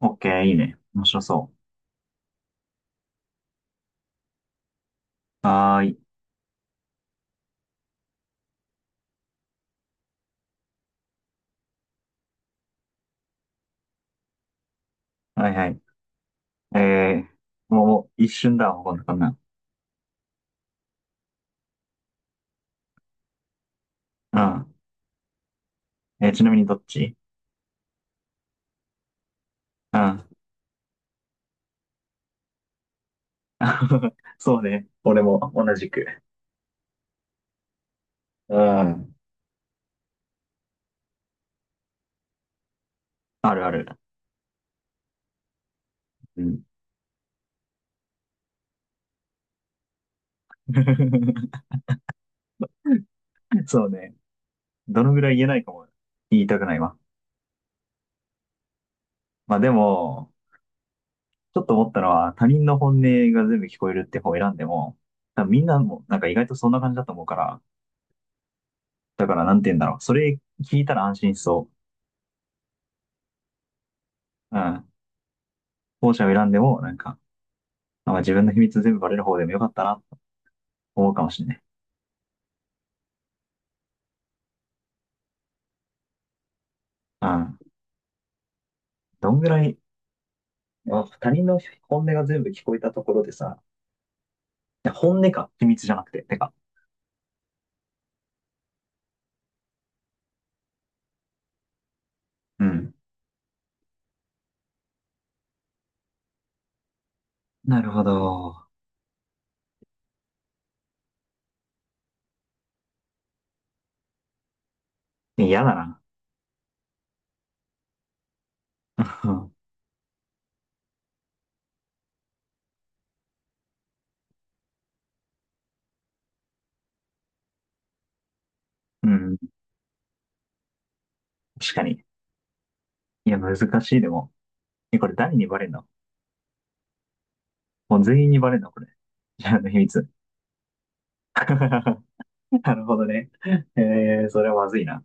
オッケー、いいね。面白そう。はーい。はいはい。えもう一瞬だわ、こんなん。うん。ちなみにどっち？うん。そうね。俺も同じく。うん。あるある。うん。そうね。どのぐらい言えないかも言いたくないわ。まあでも、ちょっと思ったのは、他人の本音が全部聞こえるって方を選んでも、多分みんなもなんか意外とそんな感じだと思うから、だからなんて言うんだろう。それ聞いたら安心しそう。うん。後者を選んでも、なんか、まあ、自分の秘密全部バレる方でもよかったなと思うかもしれない。うん。どんぐらい、まあ他人の本音が全部聞こえたところでさ、いや本音か、秘密じゃなくて、てか。うん。なるほど。嫌だな。うん。確かに。いや、難しいでも。え、これ誰にバレんの？もう全員にバレんのこれ？自分の秘密。なるほどね。それはまずいな。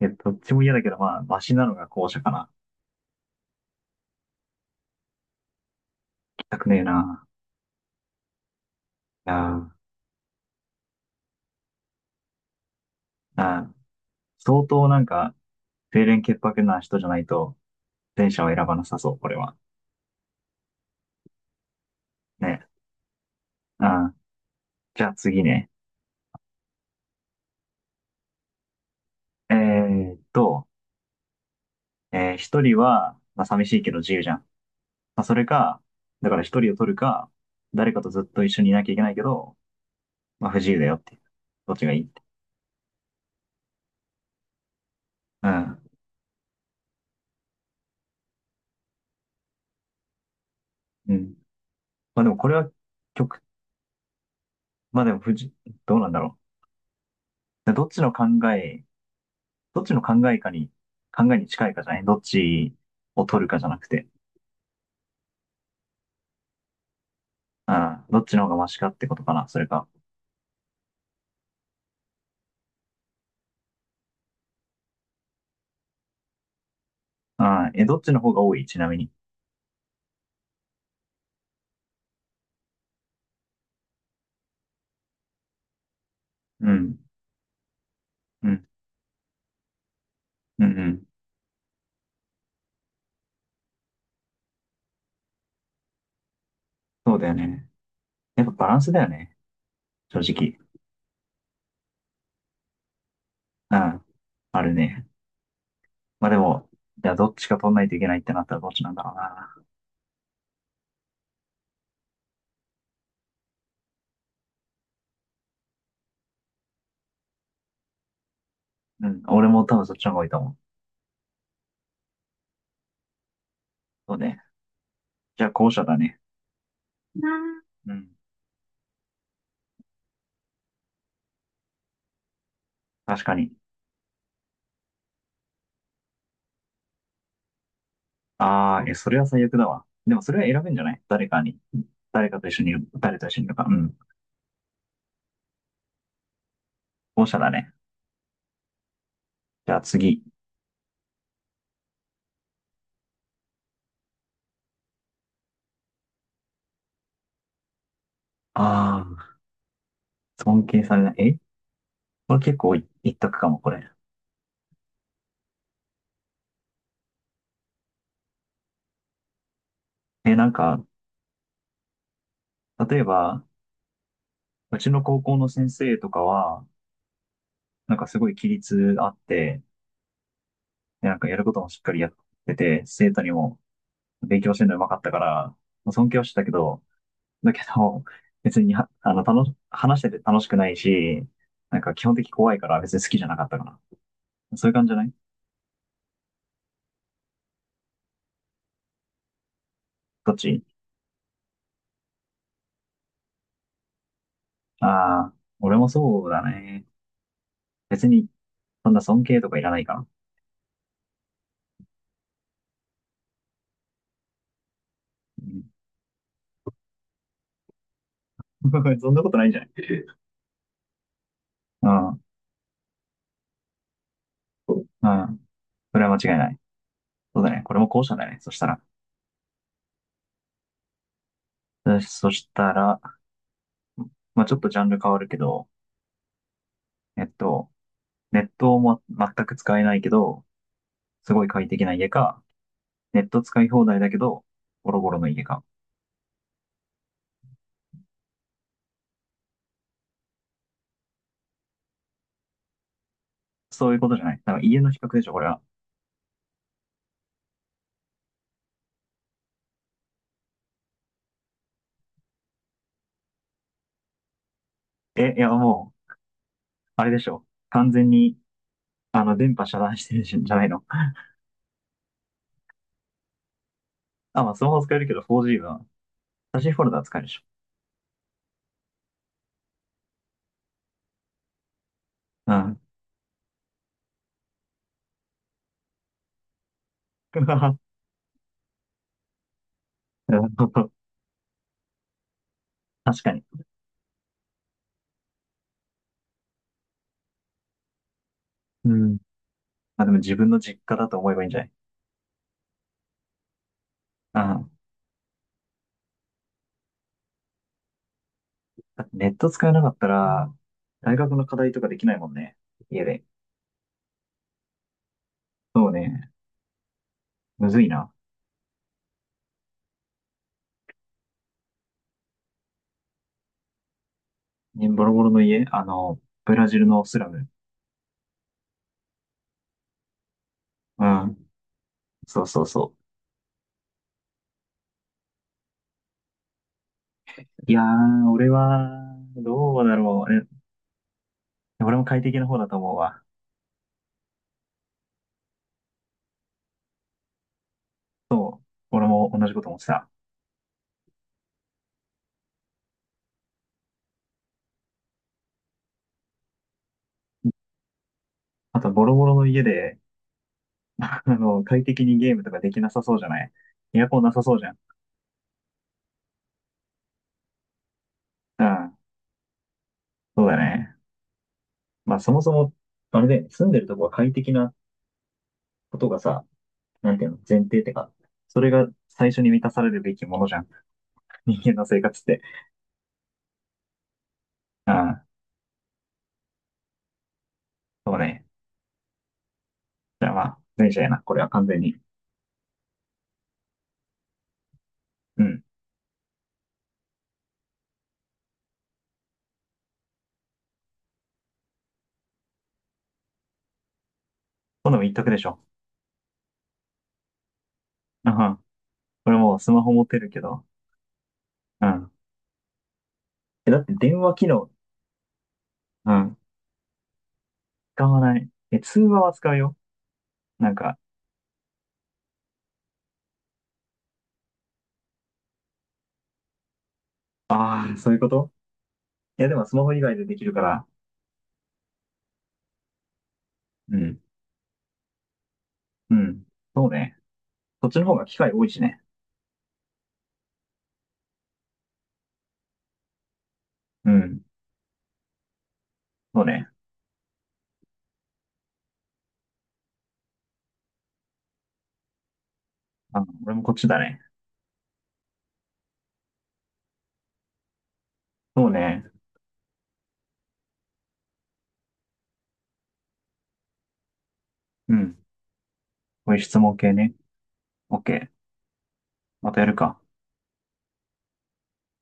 え、どっちも嫌だけど、まあ、マシなのが後者かな。聞きたくねえな。あーあー、相当なんか、清廉潔白な人じゃないと、電車を選ばなさそう、これは。ね。うん。じゃあ次ね。えーっと、一人は、まあ、寂しいけど自由じゃん。まあ、それか、だから一人を取るか、誰かとずっと一緒にいなきゃいけないけど、まあ、不自由だよっていう。どっちがいいって。うん。うん。まあ、でもこれは、極、まあ、でも不自、どうなんだろう。え、どっちの考えかに、考えに近いかじゃない？どっちを取るかじゃなくて。うん。どっちの方がマシかってことかな、それか。ああ、え、どっちの方が多い？ちなみに。うん。うん。うん。うん。そうだよね。やっぱバランスだよね。正直。うん。あるね。まあでも、じゃあどっちか取んないといけないってなったらどっちなんだろうな。うん。俺も多分そっちの方がいいと思う。そうね。じゃあ後者だね。うん。確かに。ああ、え、それは最悪だわ。でもそれは選べんじゃない？誰かに。誰かと一緒にいる、誰と一緒にいるか。うん。後者だね。じゃあ次。ああ、尊敬されない。これ結構一択かも、これ。え、なんか、例えば、うちの高校の先生とかは、なんかすごい規律あって、でなんかやることもしっかりやってて、生徒にも勉強してるのうまかったから、まあ尊敬はしてたけど、だけど、別には、話してて楽しくないし、なんか基本的に怖いから別に好きじゃなかったかな。そういう感じじゃない？どっち？ああー、俺もそうだね。別に、そんな尊敬とかいらないかな。うん。 そんなことないんじゃない？うん。うん。それは間違いない。そうだね。これも後者だね。そしたら。そしたら、まあちょっとジャンル変わるけど、えっと、ネットも全く使えないけど、すごい快適な家か、ネット使い放題だけど、ボロボロの家か。そういうことじゃない。なんか家の比較でしょ、これは。え、いや、もう、あれでしょ。完全に、電波遮断してるんじゃないの？あ、まあ、スマホ使えるけど 4G は、写真フォルダー使えるでしょ。うん。なるほど。確かに。うん。まあ、でも自分の実家だと思えばいいんじゃない？うん。だってネット使えなかったら、大学の課題とかできないもんね。家で。そうね。むずいな。ね、ボロボロの家、あの、ブラジルのスラム。うん。そうそうそう。いやー、俺は、どうだろう。え、俺も快適な方だと思うわ。俺も同じこと思ってた。あと、ボロボロの家で、快適にゲームとかできなさそうじゃない？エアコンなさそうじゃん。うん。そうだね。まあ、そもそも、あれだよね。住んでるとこは快適なことがさ、なんていうの、前提ってか、それが最初に満たされるべきものじゃん。人間の生活って。うん。そうね。じゃあまあ、脱いじゃえな。これは完全に。うん。今度も言っとくでしょ。うん。これもうスマホ持ってるけど。うん。え、だって電話機能、うん。使わない。え、通話は使うよ。なんか、ああ、そういうこと？いや、でもスマホ以外でできるから。うん。うん。そうね。そっちの方が機会多いしね。うん。そうね。あ、俺もこっちだね。そうね。うん。こういう質問系ね。オッケー。またやるか。